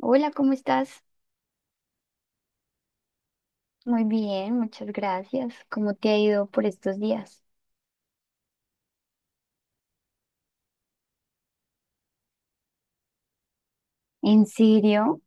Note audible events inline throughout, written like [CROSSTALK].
Hola, ¿cómo estás? Muy bien, muchas gracias. ¿Cómo te ha ido por estos días? ¿En serio?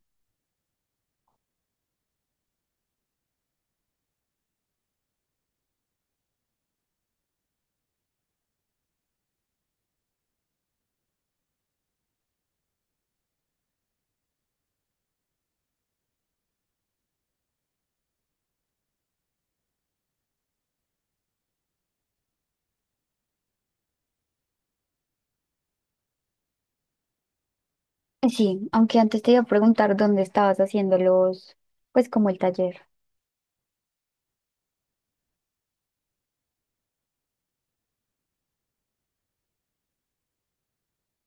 Sí, aunque antes te iba a preguntar dónde estabas haciendo los, pues como el taller.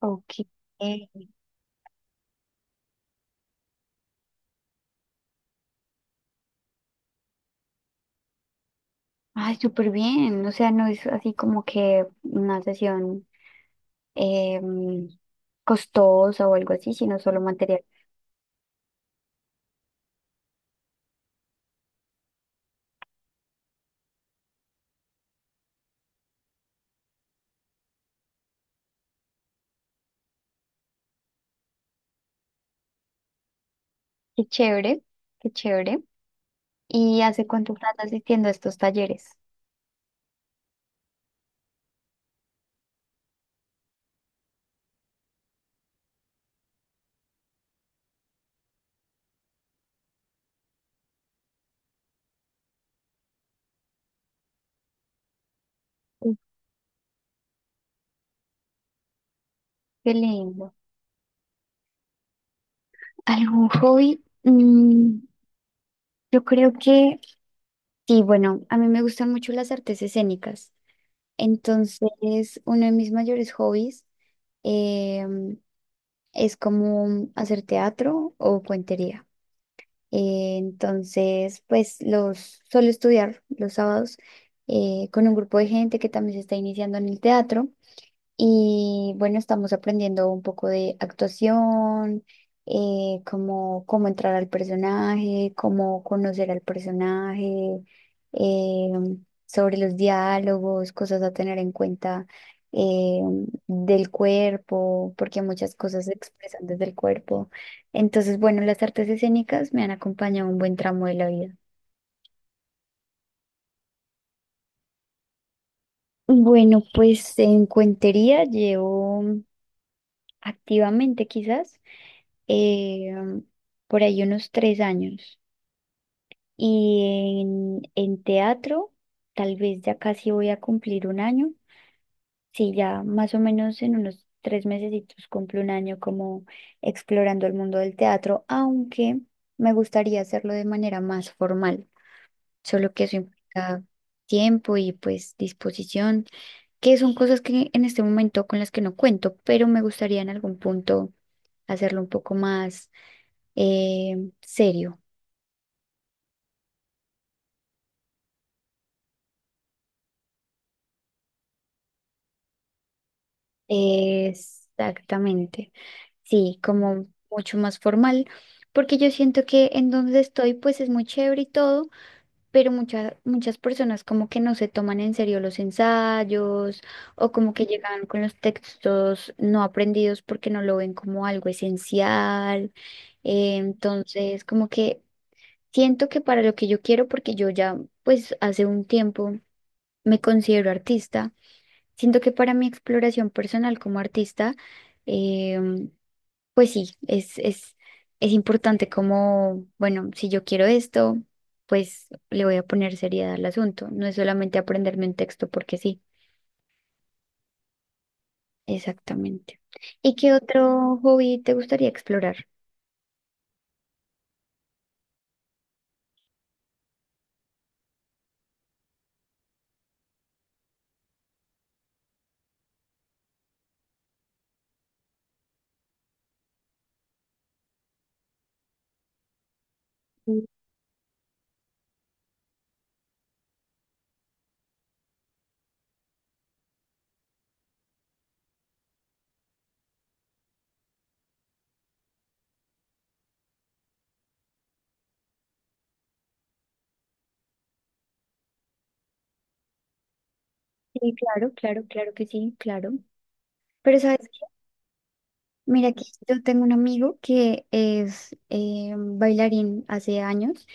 Ok. Eh, Ay, súper bien. O sea, no es así como que una sesión em, costosa o algo así, sino solo material. Qué chévere, qué chévere. ¿Y hace cuánto estás asistiendo a estos talleres? Uf, qué lindo. ¿Algún hobby? Mm, yo creo que sí, bueno, a mí me gustan mucho las artes escénicas. Entonces, uno de mis mayores hobbies em, es como hacer teatro o cuentería. Entonces, pues los suelo estudiar los sábados con un grupo de gente que también se está iniciando en el teatro. Y bueno, estamos aprendiendo un poco de actuación, cómo, cómo entrar al personaje, cómo conocer al personaje, eh, sobre los diálogos, cosas a tener en cuenta eh, del cuerpo, porque muchas cosas se expresan desde el cuerpo. Entonces, bueno, las artes escénicas me han acompañado un buen tramo de la vida. Bueno, pues en cuentería llevo activamente quizás. eh, por ahí unos tres años. Y en teatro, tal vez ya casi voy a cumplir un año. Sí, ya más o menos en unos tres mesecitos cumplo un año como explorando el mundo del teatro, aunque me gustaría hacerlo de manera más formal, solo que eso implica tiempo y pues disposición, que son cosas que en este momento con las que no cuento, pero me gustaría en algún punto hacerlo un poco más eh, serio. Exactamente. Sí, como mucho más formal, porque yo siento que en donde estoy pues es muy chévere y todo, pero muchas muchas personas como que no se toman en serio los ensayos o como que llegan con los textos no aprendidos porque no lo ven como algo esencial. Entonces, como que siento que para lo que yo quiero, porque yo ya pues hace un tiempo me considero artista. Siento que para mi exploración personal como artista, em, pues sí, es importante como, bueno, si yo quiero esto, pues le voy a poner seriedad al asunto. No es solamente aprenderme un texto porque sí, exactamente. ¿Y qué otro hobby te gustaría explorar? Sí, claro, claro, claro que sí, claro. Pero sabes, mira que yo tengo un amigo que es bailarín hace años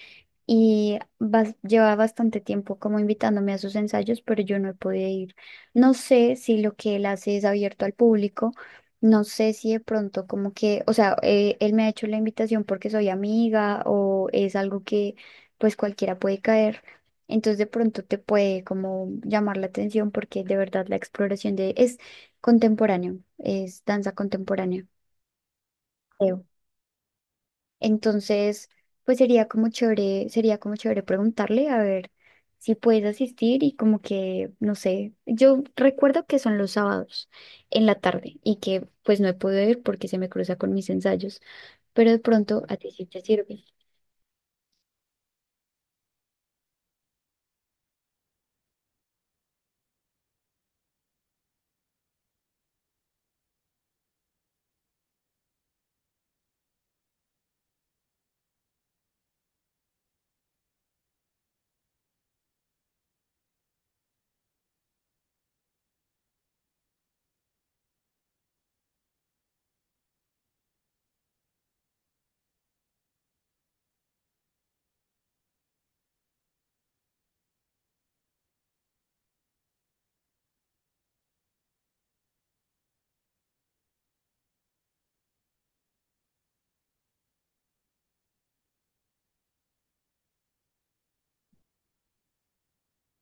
y lleva bastante tiempo como invitándome a sus ensayos, pero yo no he podido ir. No sé si lo que él hace es abierto al público, no sé si de pronto como que, o sea, él me ha hecho la invitación porque soy amiga o es algo que pues cualquiera puede caer. Entonces de pronto te puede como llamar la atención porque de verdad la exploración de es contemporáneo, es danza contemporánea creo. Entonces, pues sería como chévere preguntarle a ver si puedes asistir y como que, no sé, yo recuerdo que son los sábados en la tarde y que pues no he podido ir porque se me cruza con mis ensayos, pero de pronto a ti sí te sirve.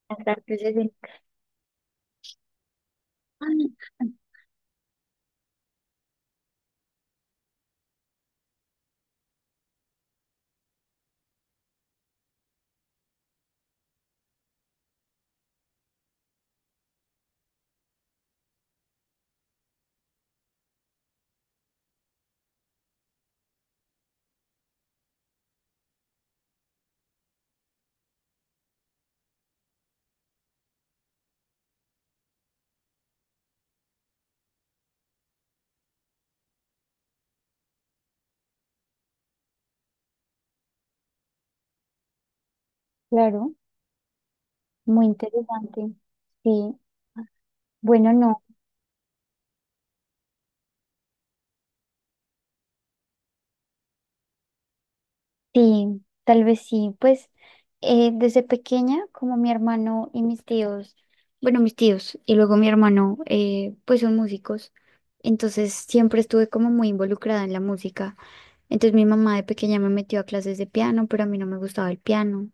Las artes escénicas. Ah, claro, muy interesante. Sí. Bueno, no. Sí, tal vez sí. Pues desde pequeña, como mi hermano y mis tíos, bueno, mis tíos y luego mi hermano, pues son músicos. Entonces siempre estuve como muy involucrada en la música. Entonces mi mamá de pequeña me metió a clases de piano, pero a mí no me gustaba el piano.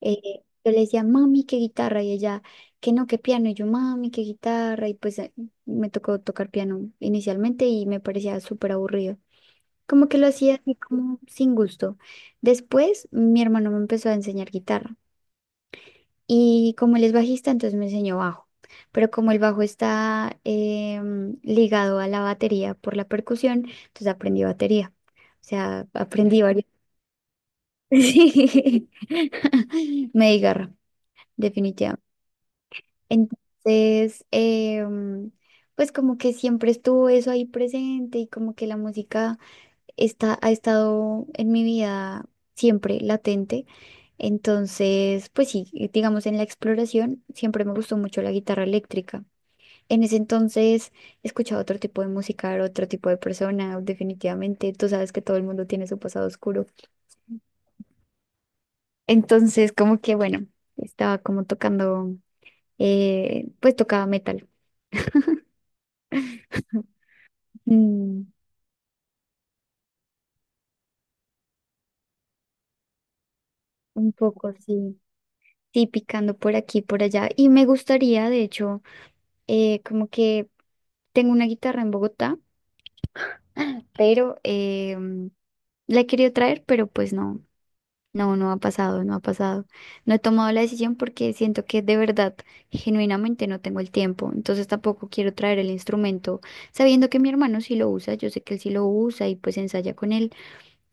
Yo le decía, mami, qué guitarra, y ella, que no, qué piano, y yo, mami, qué guitarra, y pues me tocó tocar piano inicialmente y me parecía súper aburrido. Como que lo hacía así como sin gusto. Después mi hermano me empezó a enseñar guitarra y como él es bajista, entonces me enseñó bajo. Pero como el bajo está ligado a la batería por la percusión, entonces aprendí batería. O sea, aprendí varias. [LAUGHS] Sí. [LAUGHS] Me di garra, definitivamente. Entonces, pues como que siempre estuvo eso ahí presente y como que la música ha estado en mi vida siempre latente. Entonces, pues sí, digamos en la exploración siempre me gustó mucho la guitarra eléctrica. En ese entonces escuchaba otro tipo de música, era otro tipo de persona, definitivamente. Tú sabes que todo el mundo tiene su pasado oscuro. Entonces, como que bueno, estaba como tocando, pues tocaba metal. Mm, un poco, sí. Sí, picando por aquí, por allá. Y me gustaría, de hecho, como que tengo una guitarra en Bogotá, [CLEARS THROAT] [LAUGHS] pero la he querido traer, pero pues no, no ha pasado, no ha pasado. No he tomado la decisión porque siento que de verdad, genuinamente no tengo el tiempo, entonces tampoco quiero traer el instrumento, sabiendo que mi hermano sí lo usa, yo sé que él sí lo usa y pues ensaya con él.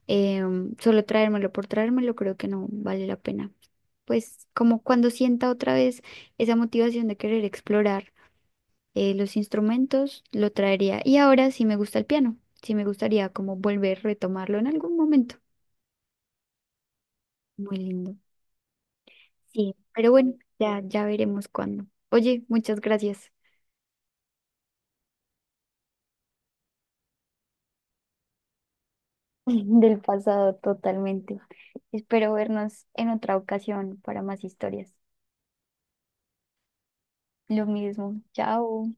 Solo traérmelo por traérmelo creo que no vale la pena. Pues como cuando sienta otra vez esa motivación de querer explorar los instrumentos, lo traería. Y ahora sí me gusta el piano, sí me gustaría como volver a retomarlo en algún momento. Muy lindo. Sí, pero bueno, ya, ya veremos cuándo. Oye, muchas gracias. [LAUGHS] Del pasado totalmente. Espero vernos en otra ocasión para más historias. Lo mismo. Chao.